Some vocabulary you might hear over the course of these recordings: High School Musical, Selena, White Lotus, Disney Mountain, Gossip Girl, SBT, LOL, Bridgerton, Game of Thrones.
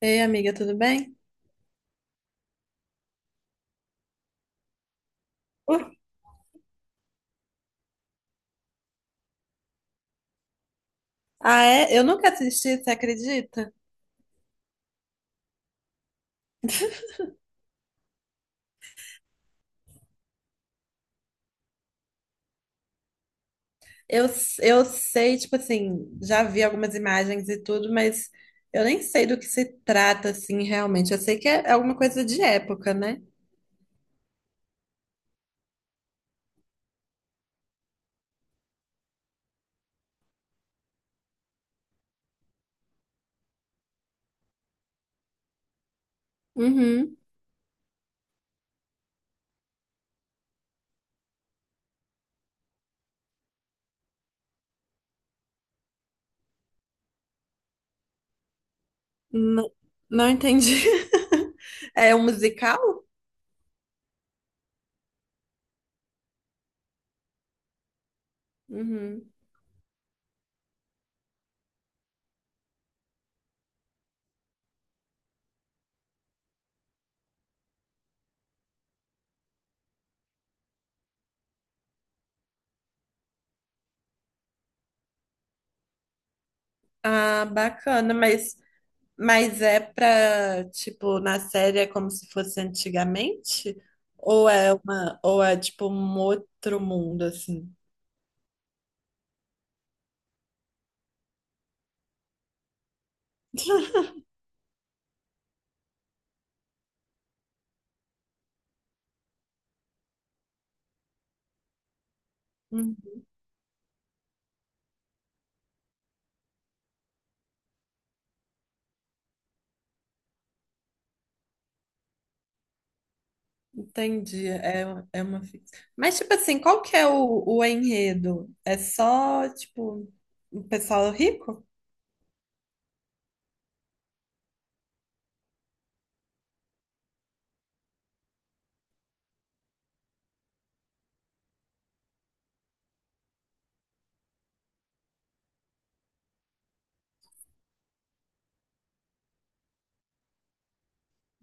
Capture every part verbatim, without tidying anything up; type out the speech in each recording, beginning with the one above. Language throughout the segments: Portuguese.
Ei, amiga, tudo bem? Uh, ah, é? Eu nunca assisti, você acredita? Eu, eu sei, tipo assim, já vi algumas imagens e tudo, mas eu nem sei do que se trata, assim, realmente. Eu sei que é alguma coisa de época, né? Uhum. Não, não entendi. É um musical? Uhum. Ah, bacana, mas, mas, é pra, tipo, na série é como se fosse antigamente? Ou é uma, ou é tipo um outro mundo, assim? Hum, entendi. É, é uma ficção. Mas, tipo assim, qual que é o, o enredo? É só, tipo, o pessoal rico?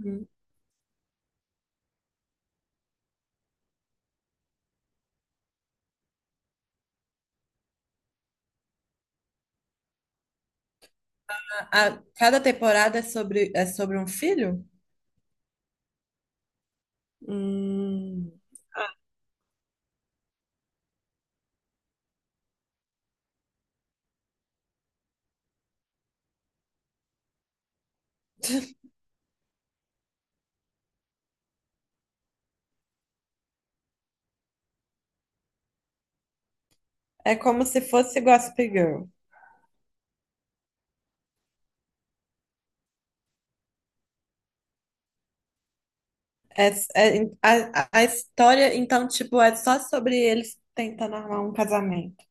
Hum. A- a- cada temporada é sobre, é sobre um filho? Hum, é como se fosse Gossip Girl. É, é- a, a a história, então, tipo, é só sobre eles tentando armar um casamento.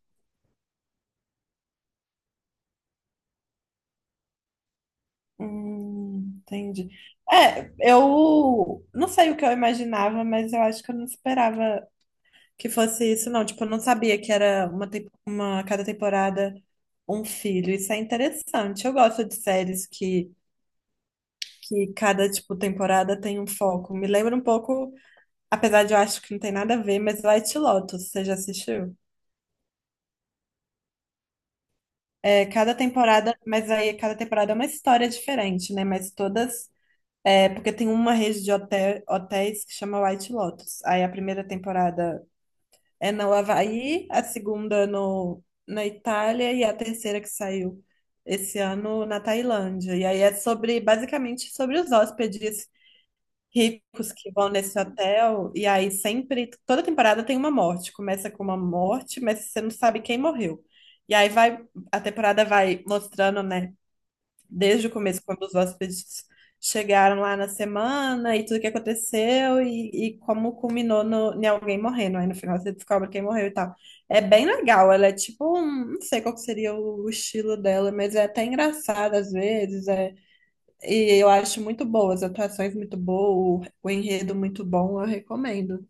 Hum, entendi. É, eu não sei o que eu imaginava, mas eu acho que eu não esperava que fosse isso, não. Tipo, eu não sabia que era uma, tem- uma cada temporada um filho. Isso é interessante. Eu gosto de séries que, que cada, tipo, temporada tem um foco. Me lembra um pouco, apesar de eu acho que não tem nada a ver, mas White Lotus, você já assistiu? É, cada temporada, mas aí cada temporada é uma história diferente, né? Mas todas. É, porque tem uma rede de hotel, hotéis que chama White Lotus. Aí a primeira temporada é no Havaí, a segunda no, na Itália e a terceira que saiu esse ano na Tailândia. E aí é sobre, basicamente, sobre os hóspedes ricos que vão nesse hotel. E aí sempre, toda temporada tem uma morte. Começa com uma morte, mas você não sabe quem morreu. E aí vai, a temporada vai mostrando, né, desde o começo, quando os hóspedes chegaram lá na semana e tudo que aconteceu e, e como culminou no, em alguém morrendo. Aí no final você descobre quem morreu e tal. É bem legal, ela é tipo, um- não sei qual que seria o, o estilo dela, mas é até engraçada às vezes. É, e eu acho muito boa, as atuações muito boas, o, o enredo muito bom, eu recomendo.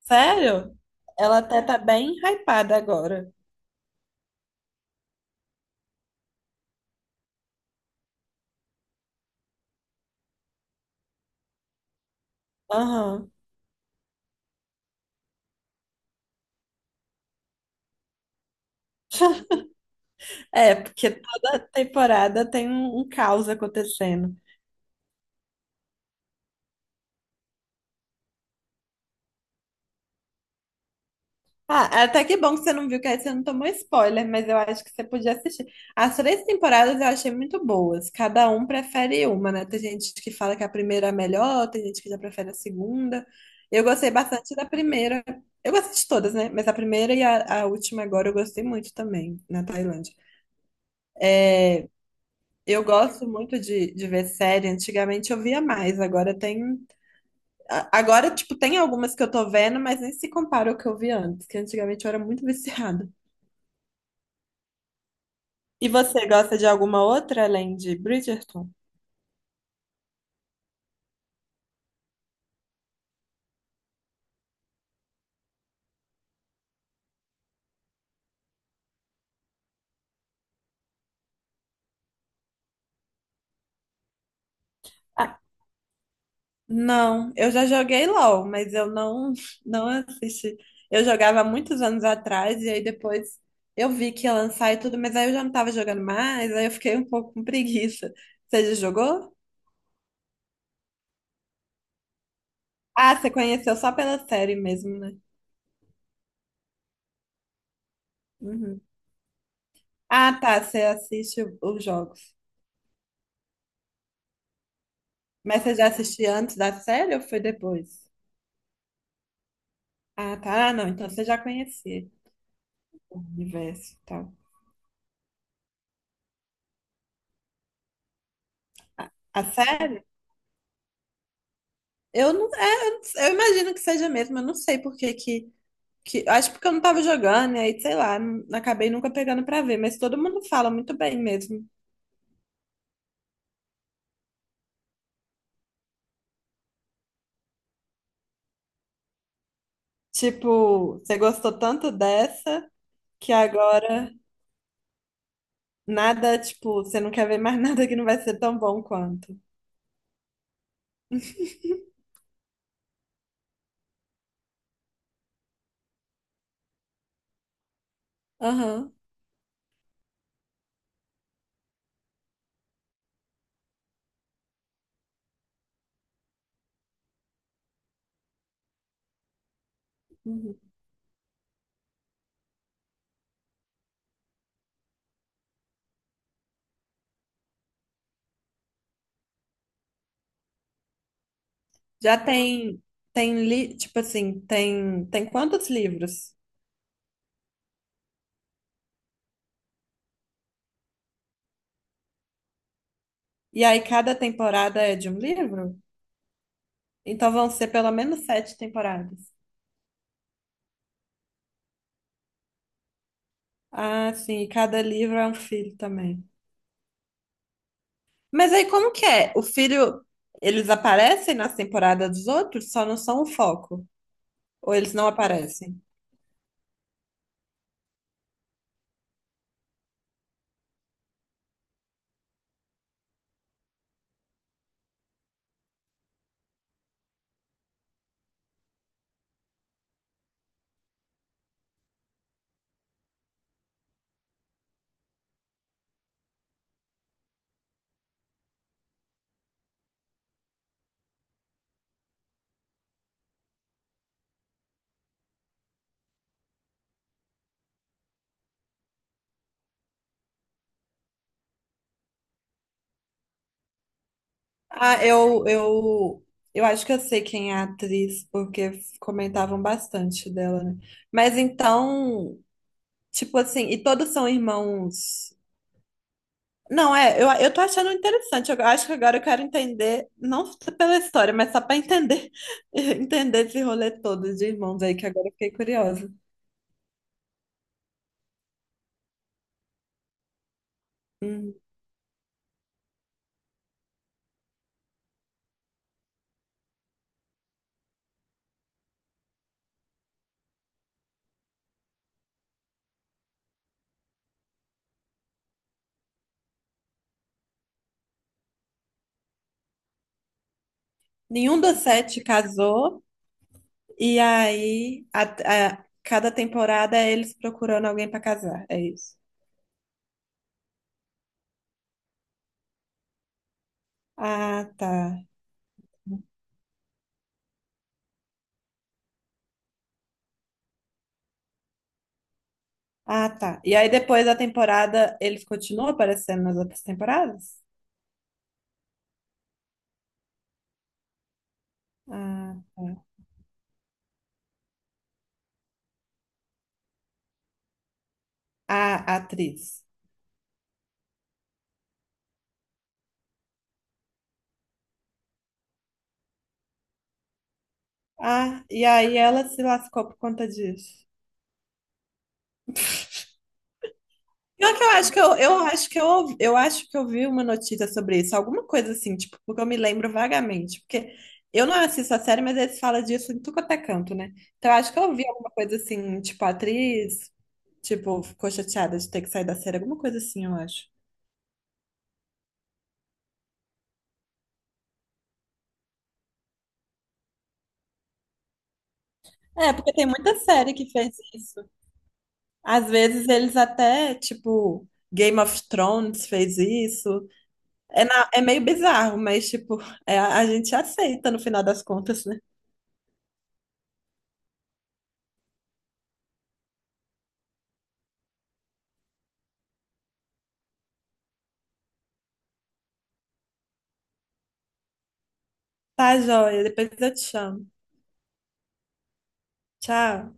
Sério? Ela até tá bem hypada agora. Aham. É, porque toda temporada tem um, um caos acontecendo. Ah, até que bom que você não viu, que aí você não tomou spoiler, mas eu acho que você podia assistir. As três temporadas eu achei muito boas. Cada um prefere uma, né? Tem gente que fala que a primeira é a melhor, tem gente que já prefere a segunda. Eu gostei bastante da primeira. Eu gostei de todas, né? Mas a primeira e a, a última agora eu gostei muito também, na Tailândia. É, eu gosto muito de, de ver série. Antigamente eu via mais, agora tem. a- Agora, tipo, tem algumas que eu tô vendo, mas nem se compara ao que eu vi antes, que antigamente eu era muito viciada. E você gosta de alguma outra além de Bridgerton? Ah, não, eu já joguei LOL, mas eu não, não assisti. Eu jogava há muitos anos atrás e aí depois eu vi que ia lançar e tudo, mas aí eu já não tava jogando mais, aí eu fiquei um pouco com preguiça. Você já jogou? Ah, você conheceu só pela série mesmo, né? Uhum. Ah, tá, você assiste o- os jogos. Mas você já assistiu antes da série ou foi depois? Ah, tá, ah, não, então você já conhecia o universo e tal. A série? Eu não Eu imagino que seja mesmo, eu não sei por que que, que- acho porque eu não tava jogando, e aí, sei lá, não- acabei nunca pegando pra ver, mas todo mundo fala muito bem mesmo. Tipo, você gostou tanto dessa que agora nada, tipo, você não quer ver mais nada que não vai ser tão bom quanto. Aham. Uhum. Já tem, tem, li, tipo assim, tem, tem quantos livros? E aí cada temporada é de um livro? Então vão ser pelo menos sete temporadas. Ah, sim, e cada livro é um filho também. Mas aí como que é? O filho, eles aparecem nas temporadas dos outros, só não são o foco. Ou eles não aparecem? Ah, eu, eu, eu acho que eu sei quem é a atriz, porque comentavam bastante dela, né? Mas então, tipo assim, e todos são irmãos. Não, é, eu, eu tô achando interessante. Eu acho que agora eu quero entender, não só pela história, mas só para entender, entender esse rolê todo de irmãos aí, que agora eu fiquei curiosa. Hum. Nenhum dos sete casou, e aí a, a- cada temporada é eles procurando alguém para casar. É isso. Ah, tá. Ah, tá. E aí depois da temporada eles continuam aparecendo nas outras temporadas? Ah, tá. Ah, a atriz. Ah, e aí ela se lascou por conta disso. Pior que eu acho que eu, eu acho que eu, ouvi- eu acho que eu vi uma notícia sobre isso, alguma coisa assim, tipo, porque eu me lembro vagamente, porque eu não assisto a série, mas eles falam disso em tudo quanto é canto, né? Então eu acho que eu vi alguma coisa assim, tipo, a atriz, tipo, ficou chateada de ter que sair da série, alguma coisa assim, eu acho. É, porque tem muita série que fez isso. Às vezes eles até, tipo, Game of Thrones fez isso. É, na- é meio bizarro, mas, tipo, é, a a gente aceita no final das contas, né? Tá, joia. Depois eu te chamo. Tchau.